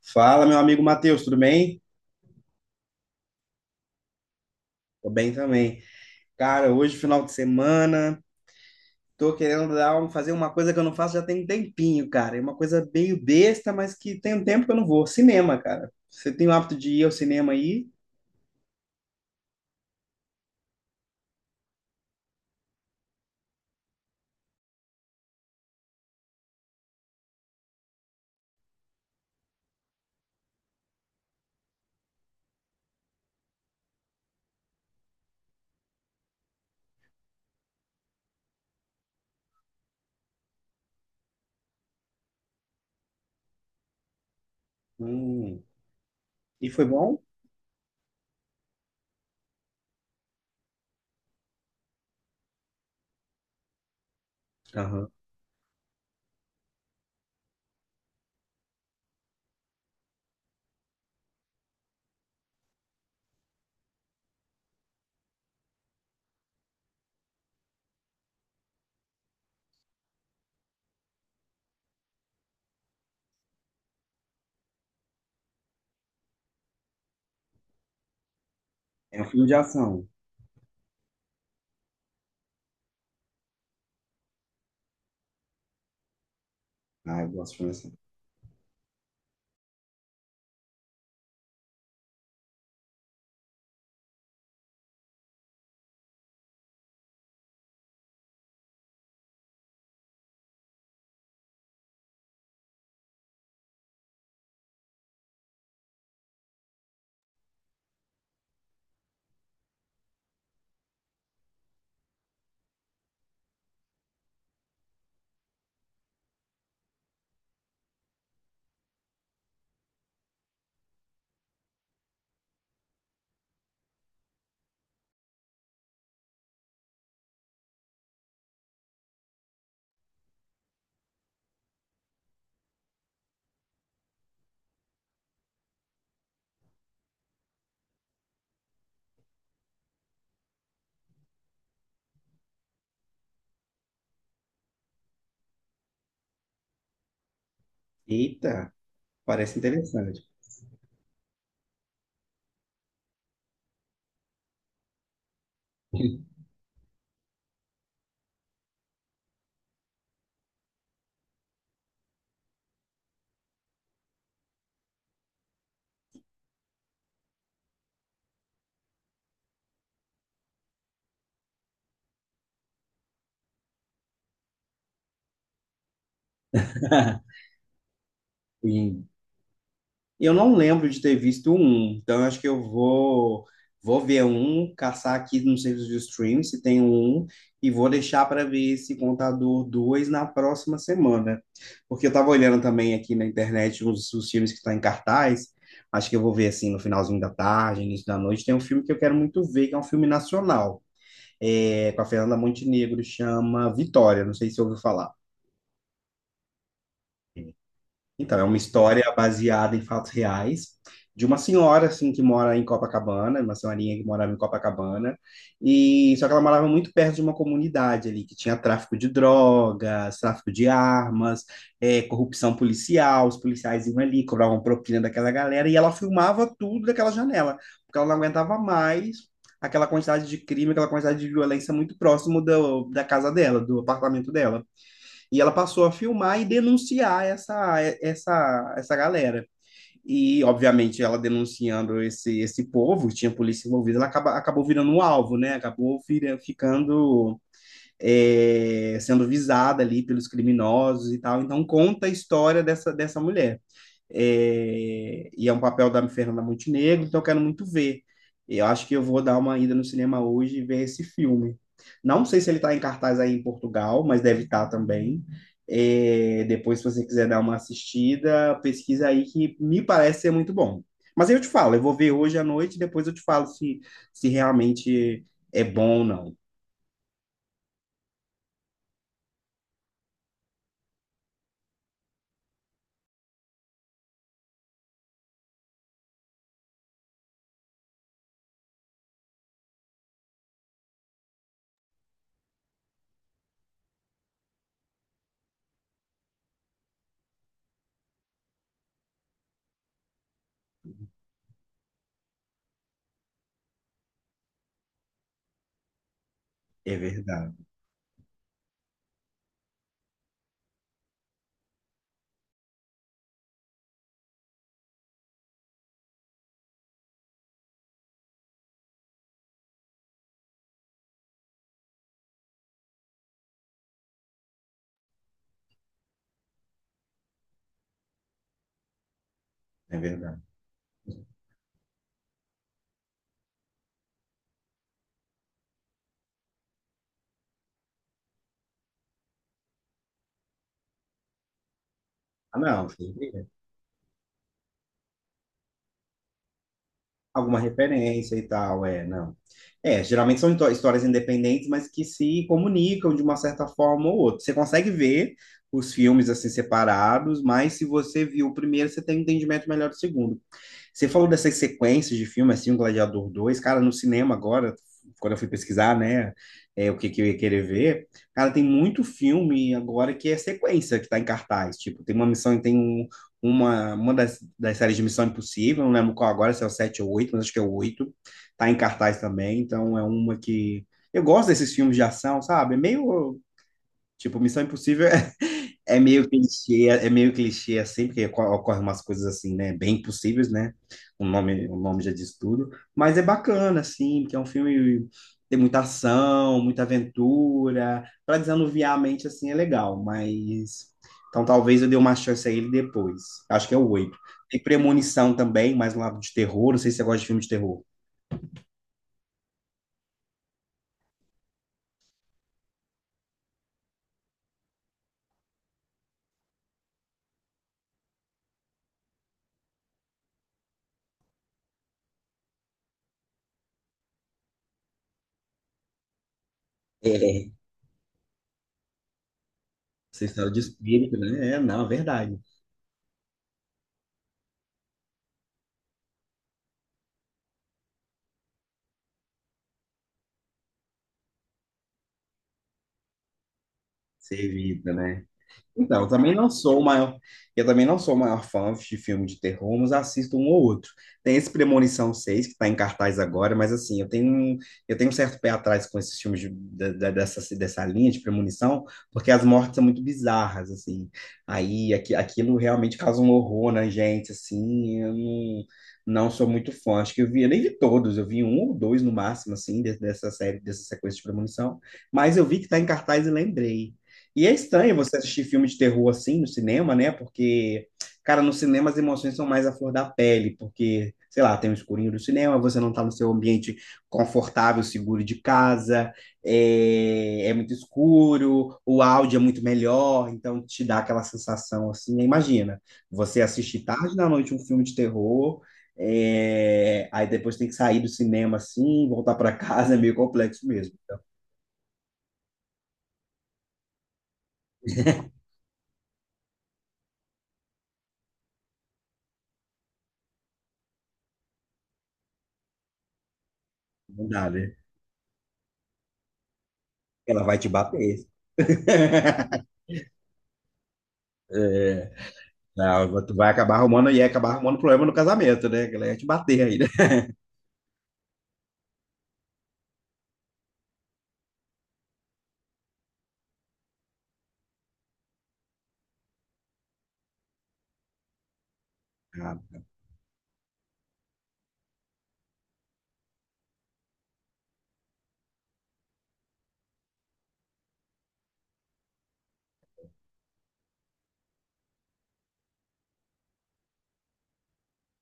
Fala, meu amigo Matheus, tudo bem? Tô bem também. Cara, hoje, final de semana, tô querendo fazer uma coisa que eu não faço já tem um tempinho, cara. É uma coisa meio besta, mas que tem um tempo que eu não vou. Cinema, cara. Você tem o hábito de ir ao cinema aí? Hum. E foi bom? Aham. É um filme de ação. Ah, eu gosto de filme de ação. Eita, parece interessante. Eu não lembro de ter visto um, então eu acho que eu vou ver um, caçar aqui no serviço de streaming se tem um e vou deixar para ver esse Contador 2 na próxima semana. Porque eu estava olhando também aqui na internet os filmes que estão em cartaz. Acho que eu vou ver assim no finalzinho da tarde, início da noite. Tem um filme que eu quero muito ver, que é um filme nacional, com a Fernanda Montenegro, chama Vitória. Não sei se ouviu falar. Então, é uma história baseada em fatos reais de uma senhora assim que mora em Copacabana, uma senhorinha que morava em Copacabana, e só que ela morava muito perto de uma comunidade ali que tinha tráfico de drogas, tráfico de armas, corrupção policial. Os policiais iam ali, cobravam propina daquela galera e ela filmava tudo daquela janela, porque ela não aguentava mais aquela quantidade de crime, aquela quantidade de violência muito próximo da casa dela, do apartamento dela. E ela passou a filmar e denunciar essa galera. E, obviamente, ela denunciando esse povo, tinha polícia envolvida. Acabou virando um alvo, né? Ficando sendo visada ali pelos criminosos e tal. Então, conta a história dessa mulher, e é um papel da Fernanda Montenegro, então eu quero muito ver. Eu acho que eu vou dar uma ida no cinema hoje e ver esse filme. Não sei se ele está em cartaz aí em Portugal, mas deve estar também. É, depois, se você quiser dar uma assistida, pesquisa aí que me parece ser muito bom. Mas eu te falo, eu vou ver hoje à noite, depois eu te falo se realmente é bom ou não. É verdade, é verdade. Ah, não, alguma referência e tal, não. É, geralmente são histórias independentes, mas que se comunicam de uma certa forma ou outra. Você consegue ver os filmes assim separados, mas se você viu o primeiro, você tem um entendimento melhor do segundo. Você falou dessas sequências de filme, assim, o Gladiador 2, cara, no cinema agora, quando eu fui pesquisar, né, o que, que eu ia querer ver. Cara, tem muito filme agora que é sequência, que tá em cartaz. Tipo, tem uma missão, uma das séries de Missão Impossível, não lembro qual agora, se é o 7 ou 8, mas acho que é o 8, tá em cartaz também, então é uma que... Eu gosto desses filmes de ação, sabe? É meio, tipo, Missão Impossível é meio clichê, é meio clichê assim, porque ocorrem umas coisas assim, né, bem impossíveis, né? O nome já diz tudo, mas é bacana assim, porque é um filme, tem muita ação, muita aventura, para desanuviar a mente assim é legal, mas então talvez eu dê uma chance a ele depois. Acho que é o oito. Tem Premonição também, mais um lado de terror, não sei se você gosta de filme de terror. É. Essa história de espírito, né? É, não, é verdade. Você evita, né? Então, eu também não sou o maior fã de filme de terror, mas assisto um ou outro. Tem esse Premonição 6 que está em cartaz agora, mas assim, eu tenho um certo pé atrás com esses filmes dessa linha de premonição, porque as mortes são muito bizarras, assim. Aí aqui, aquilo realmente causa um horror na gente, assim, eu não, sou muito fã. Acho que eu nem vi todos, eu vi um ou dois no máximo, assim, dessa série, dessa sequência de premonição, mas eu vi que está em cartaz e lembrei. E é estranho você assistir filme de terror assim no cinema, né? Porque, cara, no cinema as emoções são mais à flor da pele, porque, sei lá, tem o escurinho do cinema, você não tá no seu ambiente confortável, seguro de casa, é muito escuro, o áudio é muito melhor, então te dá aquela sensação assim. Aí imagina, você assistir tarde da noite um filme de terror, aí depois tem que sair do cinema assim, voltar pra casa, é meio complexo mesmo. Não dá, né? Ela vai te bater. É, não, tu vai acabar arrumando problema no casamento, né? A galera ia te bater aí, né? Ah,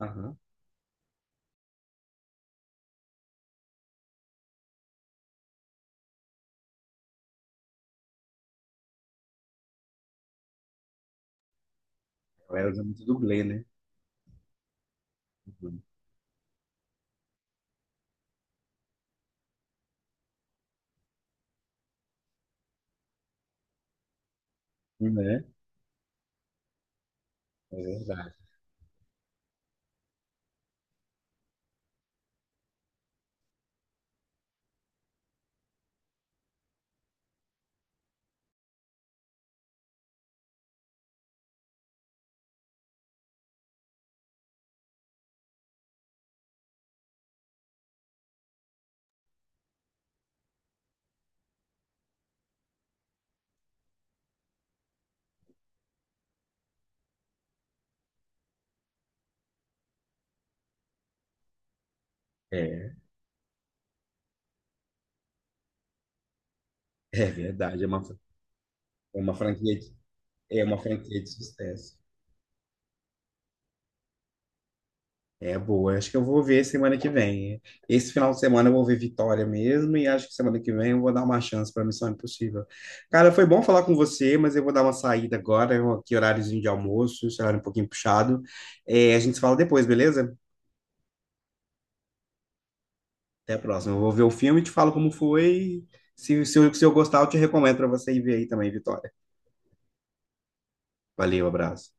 aham. A galera usa muito dublê, né? Uhum. Né? É verdade. É, é verdade. É uma franquia de, É uma franquia de sucesso. É boa. Acho que eu vou ver semana que vem. Esse final de semana eu vou ver Vitória mesmo, e acho que semana que vem eu vou dar uma chance para Missão Impossível. Cara, foi bom falar com você, mas eu vou dar uma saída agora. Aqui horáriozinho de almoço, esse horário um pouquinho puxado. É, a gente se fala depois, beleza? Até a próxima. Eu vou ver o filme, te falo como foi. Se eu gostar, eu te recomendo para você ir ver aí também, Vitória. Valeu, abraço.